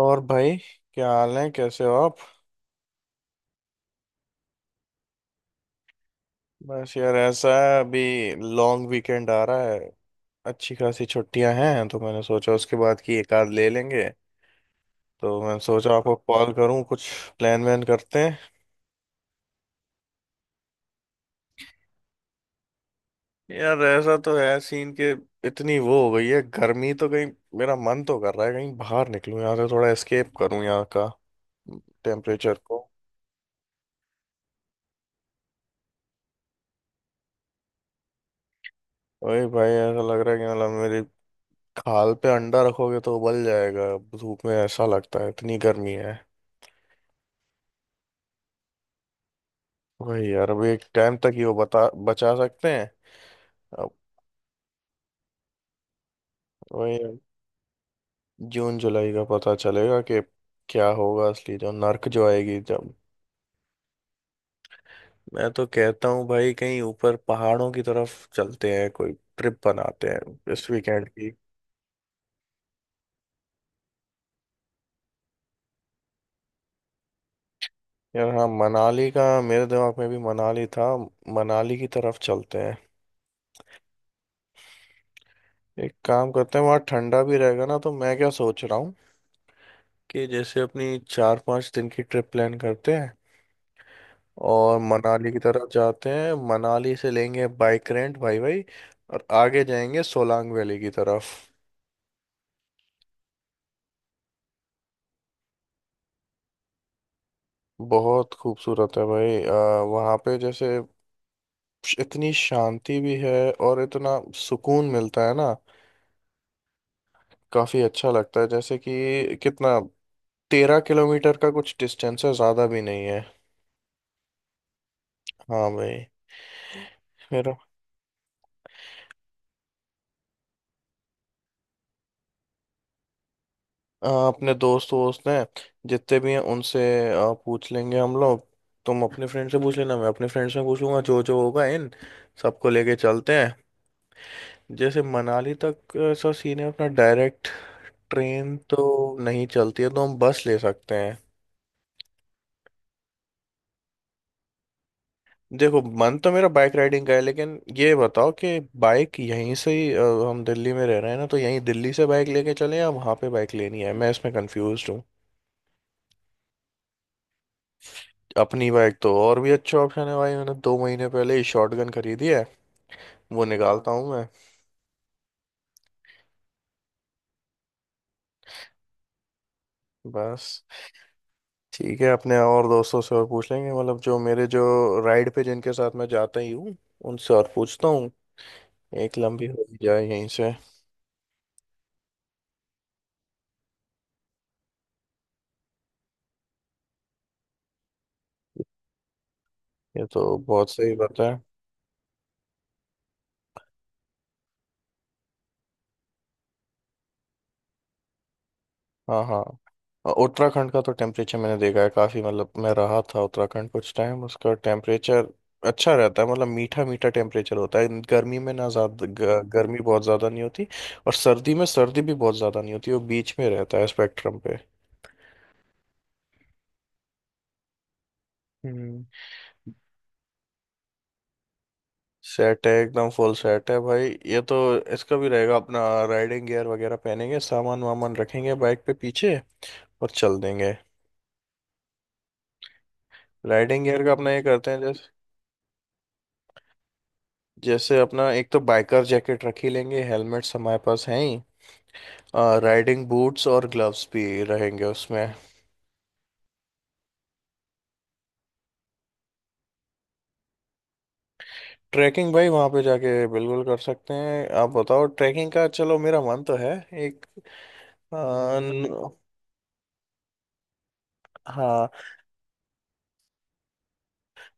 और भाई। क्या हाल है, कैसे हो आप? बस यार, ऐसा है अभी लॉन्ग वीकेंड आ रहा है। अच्छी खासी छुट्टियां हैं तो मैंने सोचा उसके बाद की एक आध ले लेंगे। तो मैंने सोचा आपको कॉल करूं, कुछ प्लान वैन करते हैं। यार ऐसा तो है सीन के, इतनी वो हो गई है गर्मी तो कहीं। मेरा मन तो कर रहा है कहीं बाहर निकलूं, यहाँ से थोड़ा एस्केप करूं यहाँ का टेम्परेचर को। वही भाई, ऐसा लग रहा है कि मतलब मेरी खाल पे अंडा रखोगे तो उबल जाएगा। धूप में ऐसा लगता है, इतनी गर्मी है। वही यार, अभी एक टाइम तक ही वो बता बचा सकते हैं। अब वही, जून जुलाई का पता चलेगा कि क्या होगा, असली जो नर्क जो आएगी जब। मैं तो कहता हूँ भाई कहीं ऊपर पहाड़ों की तरफ चलते हैं, कोई ट्रिप बनाते हैं इस वीकेंड की। यार हाँ, मनाली का मेरे दिमाग में भी मनाली था। मनाली की तरफ चलते हैं। एक काम करते हैं, वहाँ ठंडा भी रहेगा ना, तो मैं क्या सोच रहा हूँ कि जैसे अपनी 4-5 दिन की ट्रिप प्लान करते हैं और मनाली की तरफ जाते हैं। मनाली से लेंगे बाइक रेंट, भाई भाई। और आगे जाएंगे सोलांग वैली की तरफ। बहुत खूबसूरत है भाई। वहाँ पे जैसे इतनी शांति भी है और इतना सुकून मिलता है ना। काफी अच्छा लगता है, जैसे कि कितना, 13 किलोमीटर का कुछ डिस्टेंस है, ज्यादा भी नहीं है। हाँ भाई। मेरा अपने दोस्त वोस्त हैं जितने भी हैं उनसे पूछ लेंगे हम लोग। तुम अपने फ्रेंड से पूछ लेना, मैं अपने फ्रेंड से पूछूंगा, जो जो होगा इन सबको लेके चलते हैं। जैसे मनाली तक ऐसा सीन है अपना, डायरेक्ट ट्रेन तो नहीं चलती है तो हम बस ले सकते हैं। देखो मन तो मेरा बाइक राइडिंग का है, लेकिन ये बताओ कि बाइक यहीं से ही हम दिल्ली में रह रहे हैं ना, तो यहीं दिल्ली से बाइक लेके चले या वहाँ पे बाइक लेनी है, मैं इसमें कंफ्यूज। अपनी बाइक तो और भी अच्छा ऑप्शन है भाई, मैंने 2 महीने पहले ही शॉटगन खरीदी है। वो निकालता हूँ मैं। बस, ठीक है, अपने और दोस्तों से और पूछ लेंगे, मतलब जो मेरे जो राइड पे जिनके साथ मैं जाता ही हूँ उनसे और पूछता हूँ। एक लंबी हो ही जाए यहीं से। ये तो बहुत सही बात है। हाँ हाँ। और उत्तराखंड का तो टेम्परेचर मैंने देखा है काफ़ी, मतलब मैं रहा था उत्तराखंड कुछ टाइम, उसका टेम्परेचर अच्छा रहता है। मतलब मीठा मीठा टेम्परेचर होता है, गर्मी में ना ज़्यादा गर्मी बहुत ज़्यादा नहीं होती, और सर्दी में सर्दी भी बहुत ज़्यादा नहीं होती, वो बीच में रहता है स्पेक्ट्रम पे। हम्म। सेट है, एकदम फुल सेट है भाई ये तो। इसका भी रहेगा अपना राइडिंग गियर वगैरह पहनेंगे, सामान वामान रखेंगे बाइक पे पीछे, और चल देंगे। राइडिंग गियर का अपना ये करते हैं, जैसे अपना एक तो बाइकर जैकेट रख ही लेंगे, हेलमेट्स हमारे पास हैं ही, राइडिंग बूट्स और ग्लव्स भी रहेंगे उसमें। ट्रैकिंग भाई वहाँ पे जाके बिल्कुल कर सकते हैं। आप बताओ, ट्रैकिंग का चलो मेरा मन तो है एक। अ, न- हाँ,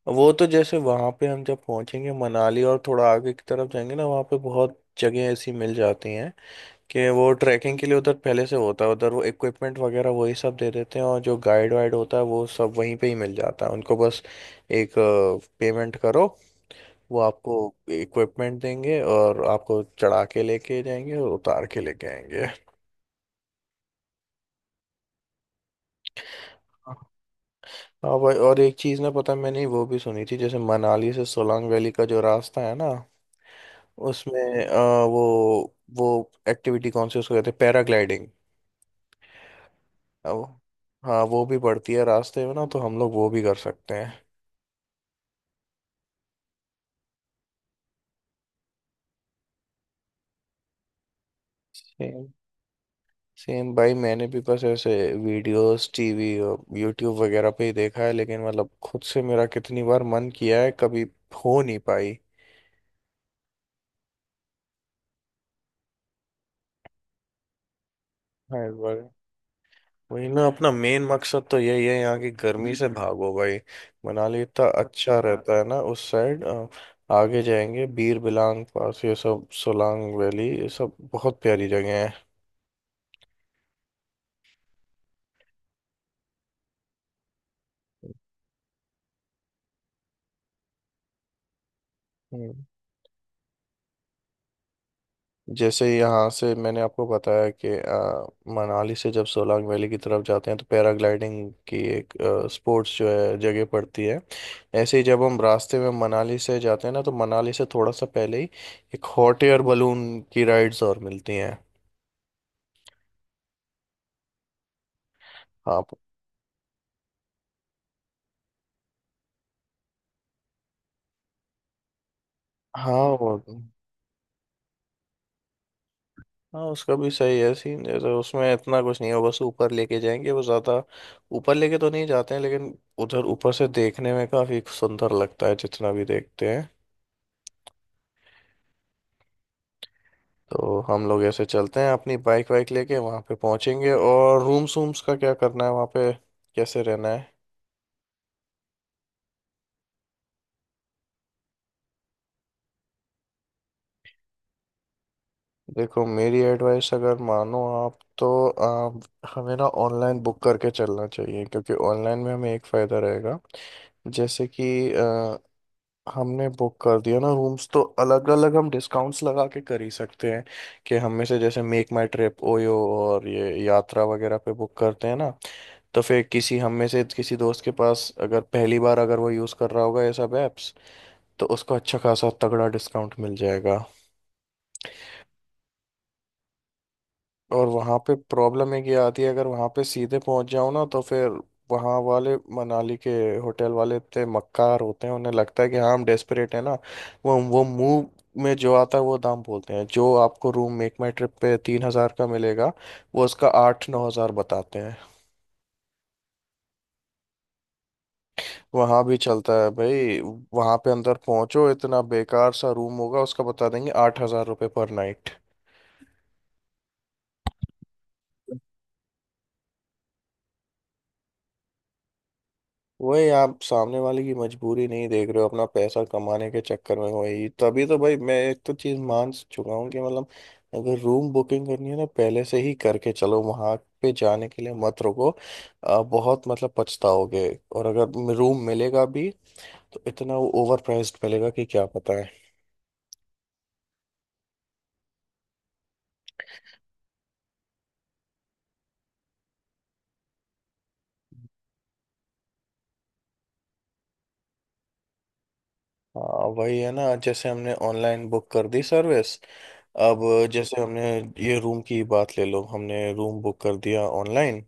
वो तो जैसे वहाँ पे हम जब पहुँचेंगे मनाली और थोड़ा आगे की तरफ जाएंगे ना, वहाँ पे बहुत जगह ऐसी मिल जाती हैं कि वो ट्रैकिंग के लिए उधर पहले से होता है, उधर वो इक्विपमेंट वगैरह वही सब दे देते हैं, और जो गाइड वाइड होता है वो सब वहीं पे ही मिल जाता है। उनको बस एक पेमेंट करो, वो आपको इक्विपमेंट देंगे और आपको चढ़ा के लेके जाएंगे और उतार के लेके आएंगे। हाँ भाई, और एक चीज़ ना पता है, मैंने वो भी सुनी थी, जैसे मनाली से सोलांग वैली का जो रास्ता है ना उसमें वो एक्टिविटी कौन सी उसको कहते हैं, पैराग्लाइडिंग। अब हाँ, वो भी बढ़ती है रास्ते में ना, तो हम लोग वो भी कर सकते हैं। सेम, सेम भाई मैंने भी बस ऐसे वीडियोस टीवी और यूट्यूब वगैरह पे ही देखा है, लेकिन मतलब खुद से मेरा कितनी बार मन किया है, कभी हो नहीं पाई। हाँ इस बार। वही ना, अपना मेन मकसद तो यही है, यहाँ की गर्मी से भागो भाई। मनाली इतना अच्छा रहता है ना उस साइड। आगे जाएंगे बीर बिलांग पास, ये सब सोलांग वैली, ये सब बहुत प्यारी जगह है। हम्म। जैसे यहाँ से मैंने आपको बताया कि मनाली से जब सोलांग वैली की तरफ जाते हैं तो पैराग्लाइडिंग की एक स्पोर्ट्स जो है जगह पड़ती है। ऐसे ही जब हम रास्ते में मनाली से जाते हैं ना, तो मनाली से थोड़ा सा पहले ही एक हॉट एयर बलून की राइड्स और मिलती हैं। आप। हाँ वो। हाँ उसका भी सही है सीन, जैसे उसमें इतना कुछ नहीं है, वो बस ऊपर लेके जाएंगे, वो ज़्यादा ऊपर लेके तो नहीं जाते हैं, लेकिन उधर ऊपर से देखने में काफ़ी सुंदर लगता है जितना भी देखते हैं। तो हम लोग ऐसे चलते हैं अपनी बाइक वाइक लेके, वहाँ पे पहुँचेंगे, और रूम्स वूम्स का क्या करना है वहाँ पे, कैसे रहना है। देखो मेरी एडवाइस अगर मानो आप तो, आप, हमें ना ऑनलाइन बुक करके चलना चाहिए, क्योंकि ऑनलाइन में हमें एक फ़ायदा रहेगा। जैसे कि अ, हमने बुक कर दिया ना रूम्स, तो अलग अलग हम डिस्काउंट्स लगा के कर ही सकते हैं, कि हम में से, जैसे मेक माई ट्रिप, ओयो और ये यात्रा वगैरह पे बुक करते हैं ना, तो फिर किसी, हम में से किसी दोस्त के पास अगर पहली बार अगर वो यूज़ कर रहा होगा ये सब ऐप्स, तो उसको अच्छा खासा तगड़ा डिस्काउंट मिल जाएगा। और वहाँ पे प्रॉब्लम एक ये आती है, अगर वहाँ पे सीधे पहुँच जाओ ना, तो फिर वहाँ वाले मनाली के होटल वाले इतने मक्कार होते हैं, उन्हें लगता है कि हाँ हम डेस्परेट हैं ना, वो मुंह में जो आता है वो दाम बोलते हैं। जो आपको रूम मेक माई ट्रिप पे 3 हज़ार का मिलेगा, वो उसका 8-9 हज़ार बताते हैं। वहां भी चलता है भाई, वहां पे अंदर पहुंचो इतना बेकार सा रूम होगा, उसका बता देंगे 8 हजार रुपये पर नाइट। वही, आप सामने वाले की मजबूरी नहीं देख रहे हो अपना पैसा कमाने के चक्कर में। वही तभी तो भाई मैं एक तो चीज मान चुका हूँ, कि मतलब अगर रूम बुकिंग करनी है ना पहले से ही करके चलो, वहां पे जाने के लिए मत रुको। बहुत मतलब पछताओगे। और अगर रूम मिलेगा भी तो इतना वो ओवर प्राइस्ड मिलेगा कि क्या पता है। हाँ वही है ना, जैसे हमने ऑनलाइन बुक कर दी सर्विस। अब जैसे हमने ये रूम की ही बात ले लो, हमने रूम बुक कर दिया ऑनलाइन,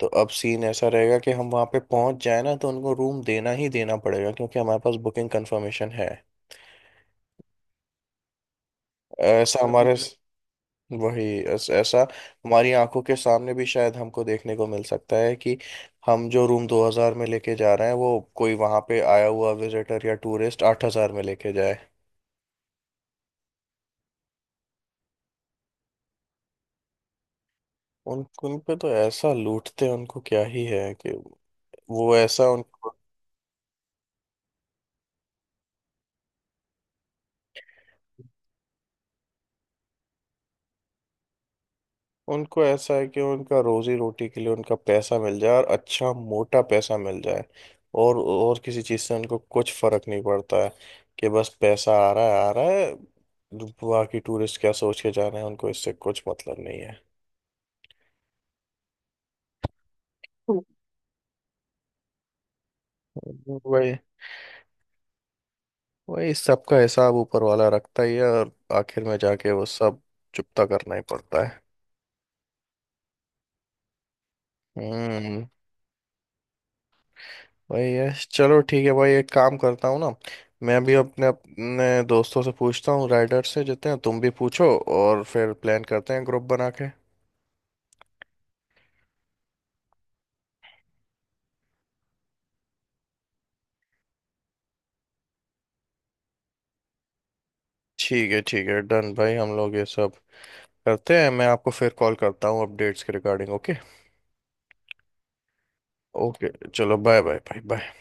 तो अब सीन ऐसा रहेगा कि हम वहाँ पे पहुँच जाए ना, तो उनको रूम देना ही देना पड़ेगा क्योंकि हमारे पास बुकिंग कंफर्मेशन है। ऐसा हमारे बिल्कुल वही ऐसा हमारी आंखों के सामने भी शायद हमको देखने को मिल सकता है कि हम जो रूम 2000 में लेके जा रहे हैं वो कोई वहाँ पे आया हुआ विजिटर या टूरिस्ट 8000 में लेके जाए। उन उन पे तो ऐसा लूटते हैं, उनको क्या ही है कि वो ऐसा उन। उनको ऐसा है कि उनका रोजी रोटी के लिए उनका पैसा मिल जाए और अच्छा मोटा पैसा मिल जाए, और किसी चीज़ से उनको कुछ फर्क नहीं पड़ता है, कि बस पैसा आ रहा है आ रहा है, बाकी टूरिस्ट क्या सोच के जा रहे हैं उनको इससे कुछ मतलब नहीं है। वही, वही सबका हिसाब ऊपर वाला रखता ही है, और आखिर में जाके वो सब चुकता करना ही पड़ता है। हम्म। भाई यस, चलो ठीक है भाई, एक काम करता हूँ ना, मैं भी अपने अपने दोस्तों से पूछता हूँ राइडर से जितने हैं, तुम भी पूछो, और फिर प्लान करते हैं ग्रुप बना के। ठीक है ठीक है, डन भाई, हम लोग ये सब करते हैं, मैं आपको फिर कॉल करता हूँ अपडेट्स के रिगार्डिंग, ओके। ओके चलो, बाय बाय बाय बाय।